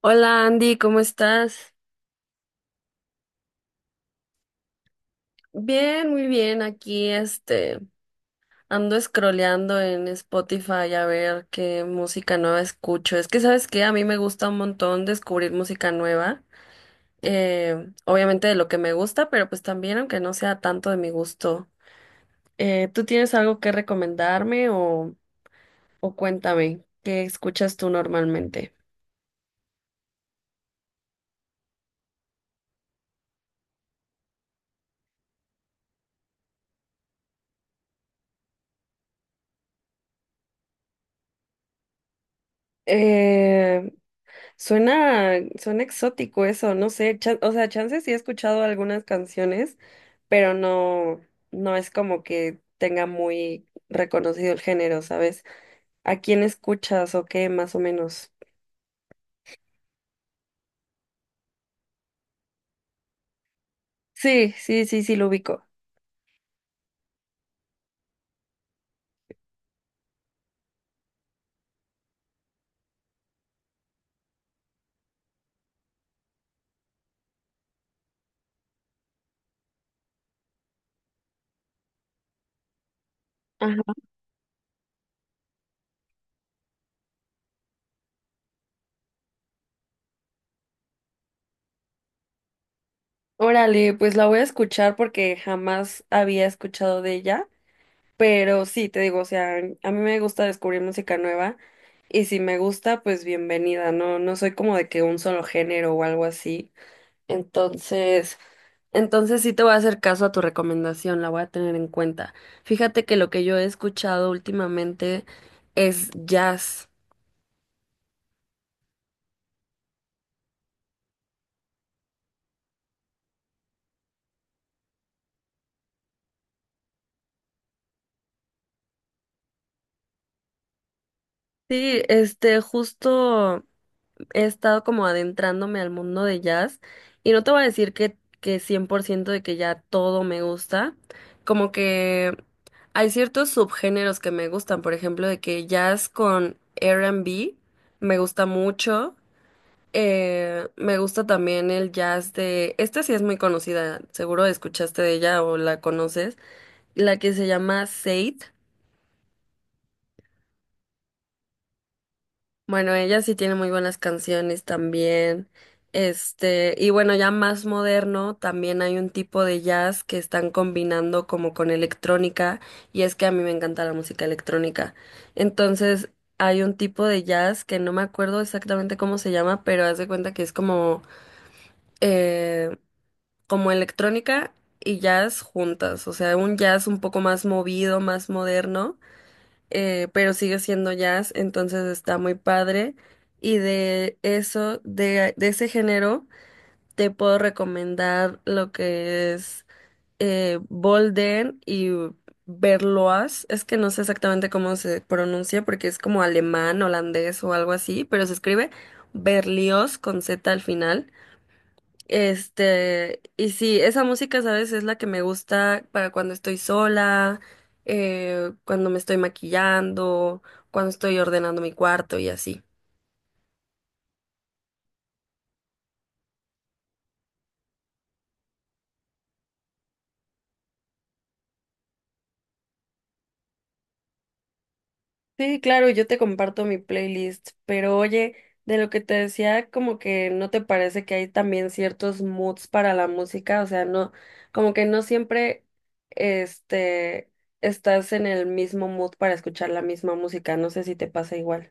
Hola Andy, ¿cómo estás? Bien, muy bien. Aquí ando scrolleando en Spotify a ver qué música nueva escucho. Es que sabes que a mí me gusta un montón descubrir música nueva. Obviamente de lo que me gusta, pero pues también aunque no sea tanto de mi gusto. ¿Tú tienes algo que recomendarme o cuéntame qué escuchas tú normalmente? Eh, suena exótico eso, no sé, o sea, chance sí he escuchado algunas canciones, pero no, no es como que tenga muy reconocido el género, ¿sabes? ¿A quién escuchas o qué, más o menos? Sí, sí, sí, sí, lo ubico. Ajá. Órale, pues la voy a escuchar porque jamás había escuchado de ella, pero sí, te digo, o sea, a mí me gusta descubrir música nueva y si me gusta, pues bienvenida, no, no soy como de que un solo género o algo así. Entonces, entonces, sí te voy a hacer caso a tu recomendación, la voy a tener en cuenta. Fíjate que lo que yo he escuchado últimamente es jazz. Sí, justo he estado como adentrándome al mundo de jazz y no te voy a decir que 100% de que ya todo me gusta, como que hay ciertos subgéneros que me gustan, por ejemplo, de que jazz con R&B me gusta mucho. Me gusta también el jazz de... Esta sí es muy conocida, seguro escuchaste de ella o la conoces, la que se llama Sade. Bueno, ella sí tiene muy buenas canciones también. Y bueno, ya más moderno, también hay un tipo de jazz que están combinando como con electrónica, y es que a mí me encanta la música electrónica. Entonces, hay un tipo de jazz que no me acuerdo exactamente cómo se llama, pero haz de cuenta que es como... eh, como electrónica y jazz juntas, o sea, un jazz un poco más movido, más moderno, pero sigue siendo jazz, entonces está muy padre. Y de eso, de ese género, te puedo recomendar lo que es Bolden y Berloas. Es que no sé exactamente cómo se pronuncia porque es como alemán, holandés o algo así, pero se escribe Berlioz con Z al final. Y sí, esa música, ¿sabes? Es la que me gusta para cuando estoy sola, cuando me estoy maquillando, cuando estoy ordenando mi cuarto y así. Sí, claro, yo te comparto mi playlist, pero oye, de lo que te decía, como que no te parece que hay también ciertos moods para la música, o sea, no, como que no siempre, este, estás en el mismo mood para escuchar la misma música, no sé si te pasa igual.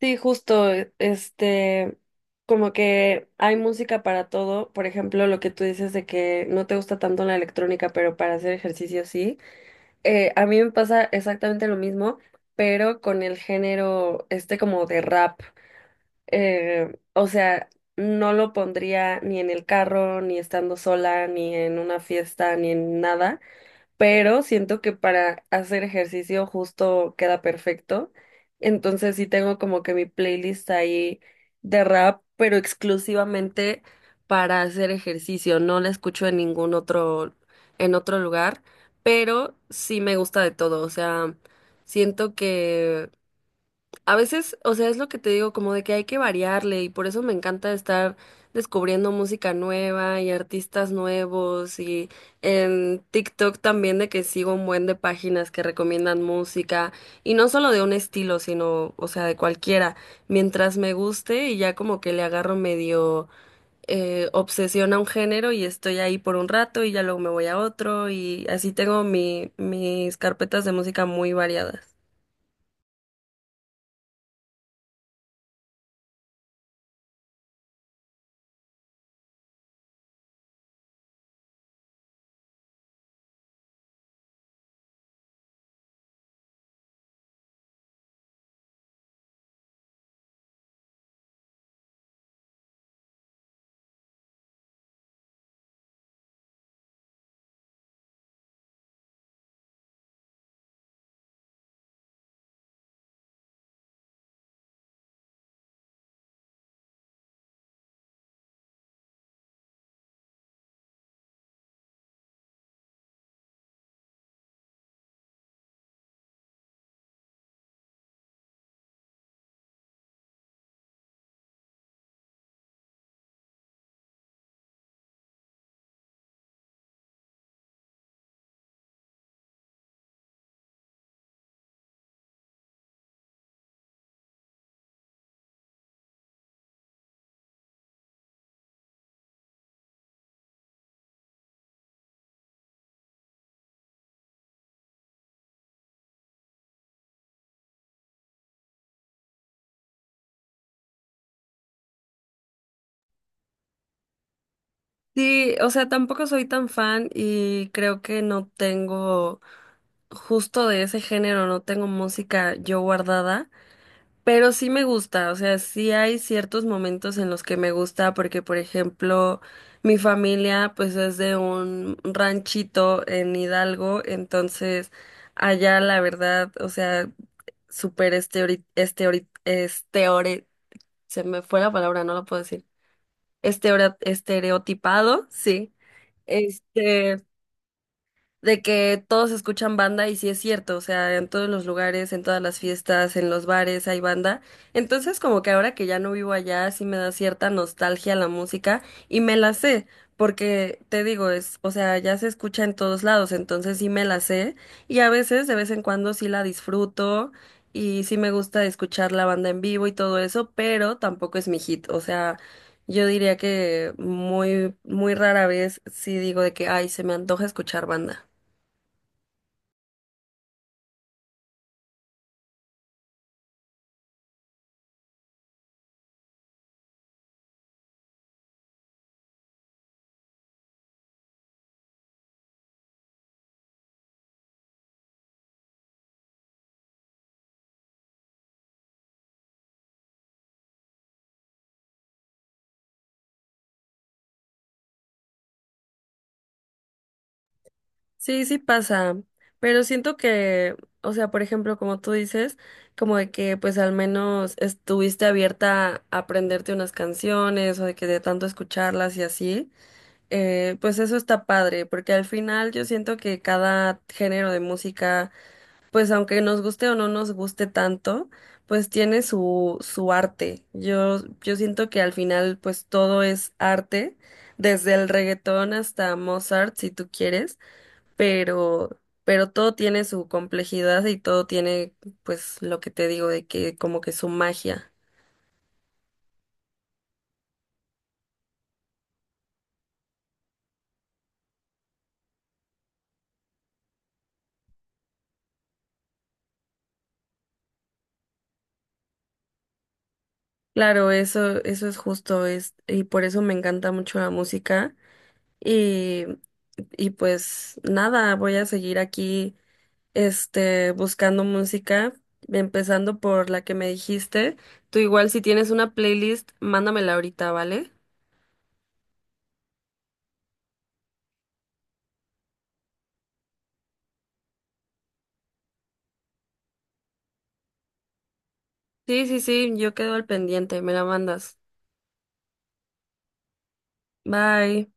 Sí, justo, como que hay música para todo, por ejemplo, lo que tú dices de que no te gusta tanto la electrónica, pero para hacer ejercicio sí. A mí me pasa exactamente lo mismo, pero con el género este como de rap. O sea, no lo pondría ni en el carro, ni estando sola, ni en una fiesta, ni en nada, pero siento que para hacer ejercicio justo queda perfecto. Entonces sí tengo como que mi playlist ahí de rap, pero exclusivamente para hacer ejercicio. No la escucho en ningún en otro lugar, pero sí me gusta de todo. O sea, siento que a veces, o sea, es lo que te digo, como de que hay que variarle y por eso me encanta estar descubriendo música nueva y artistas nuevos y en TikTok también de que sigo un buen de páginas que recomiendan música y no solo de un estilo, sino, o sea, de cualquiera, mientras me guste y ya como que le agarro medio obsesión a un género y estoy ahí por un rato y ya luego me voy a otro y así tengo mis carpetas de música muy variadas. Sí, o sea, tampoco soy tan fan y creo que no tengo justo de ese género, no tengo música yo guardada, pero sí me gusta, o sea, sí hay ciertos momentos en los que me gusta porque, por ejemplo, mi familia pues es de un ranchito en Hidalgo, entonces allá la verdad, o sea, súper este, se me fue la palabra, no lo puedo decir, estereotipado, sí. Este, de que todos escuchan banda y sí es cierto, o sea, en todos los lugares, en todas las fiestas, en los bares hay banda. Entonces, como que ahora que ya no vivo allá, sí me da cierta nostalgia la música y me la sé, porque te digo, es, o sea, ya se escucha en todos lados, entonces sí me la sé y a veces, de vez en cuando sí la disfruto y sí me gusta escuchar la banda en vivo y todo eso, pero tampoco es mi hit, o sea, yo diría que muy, muy rara vez sí digo de que, ay, se me antoja escuchar banda. Sí, sí pasa, pero siento que, o sea, por ejemplo, como tú dices, como de que pues al menos estuviste abierta a aprenderte unas canciones o de que de tanto escucharlas y así, pues eso está padre, porque al final yo siento que cada género de música, pues aunque nos guste o no nos guste tanto, pues tiene su arte. Yo siento que al final pues todo es arte, desde el reggaetón hasta Mozart, si tú quieres, pero, pero todo tiene su complejidad y todo tiene, pues, lo que te digo de que como que su magia. Claro, eso es justo, es, y por eso me encanta mucho la música. Y, y pues nada, voy a seguir aquí, buscando música, empezando por la que me dijiste. Tú igual si tienes una playlist, mándamela ahorita, ¿vale? Sí, sí, sí, yo quedo al pendiente, me la mandas. Bye.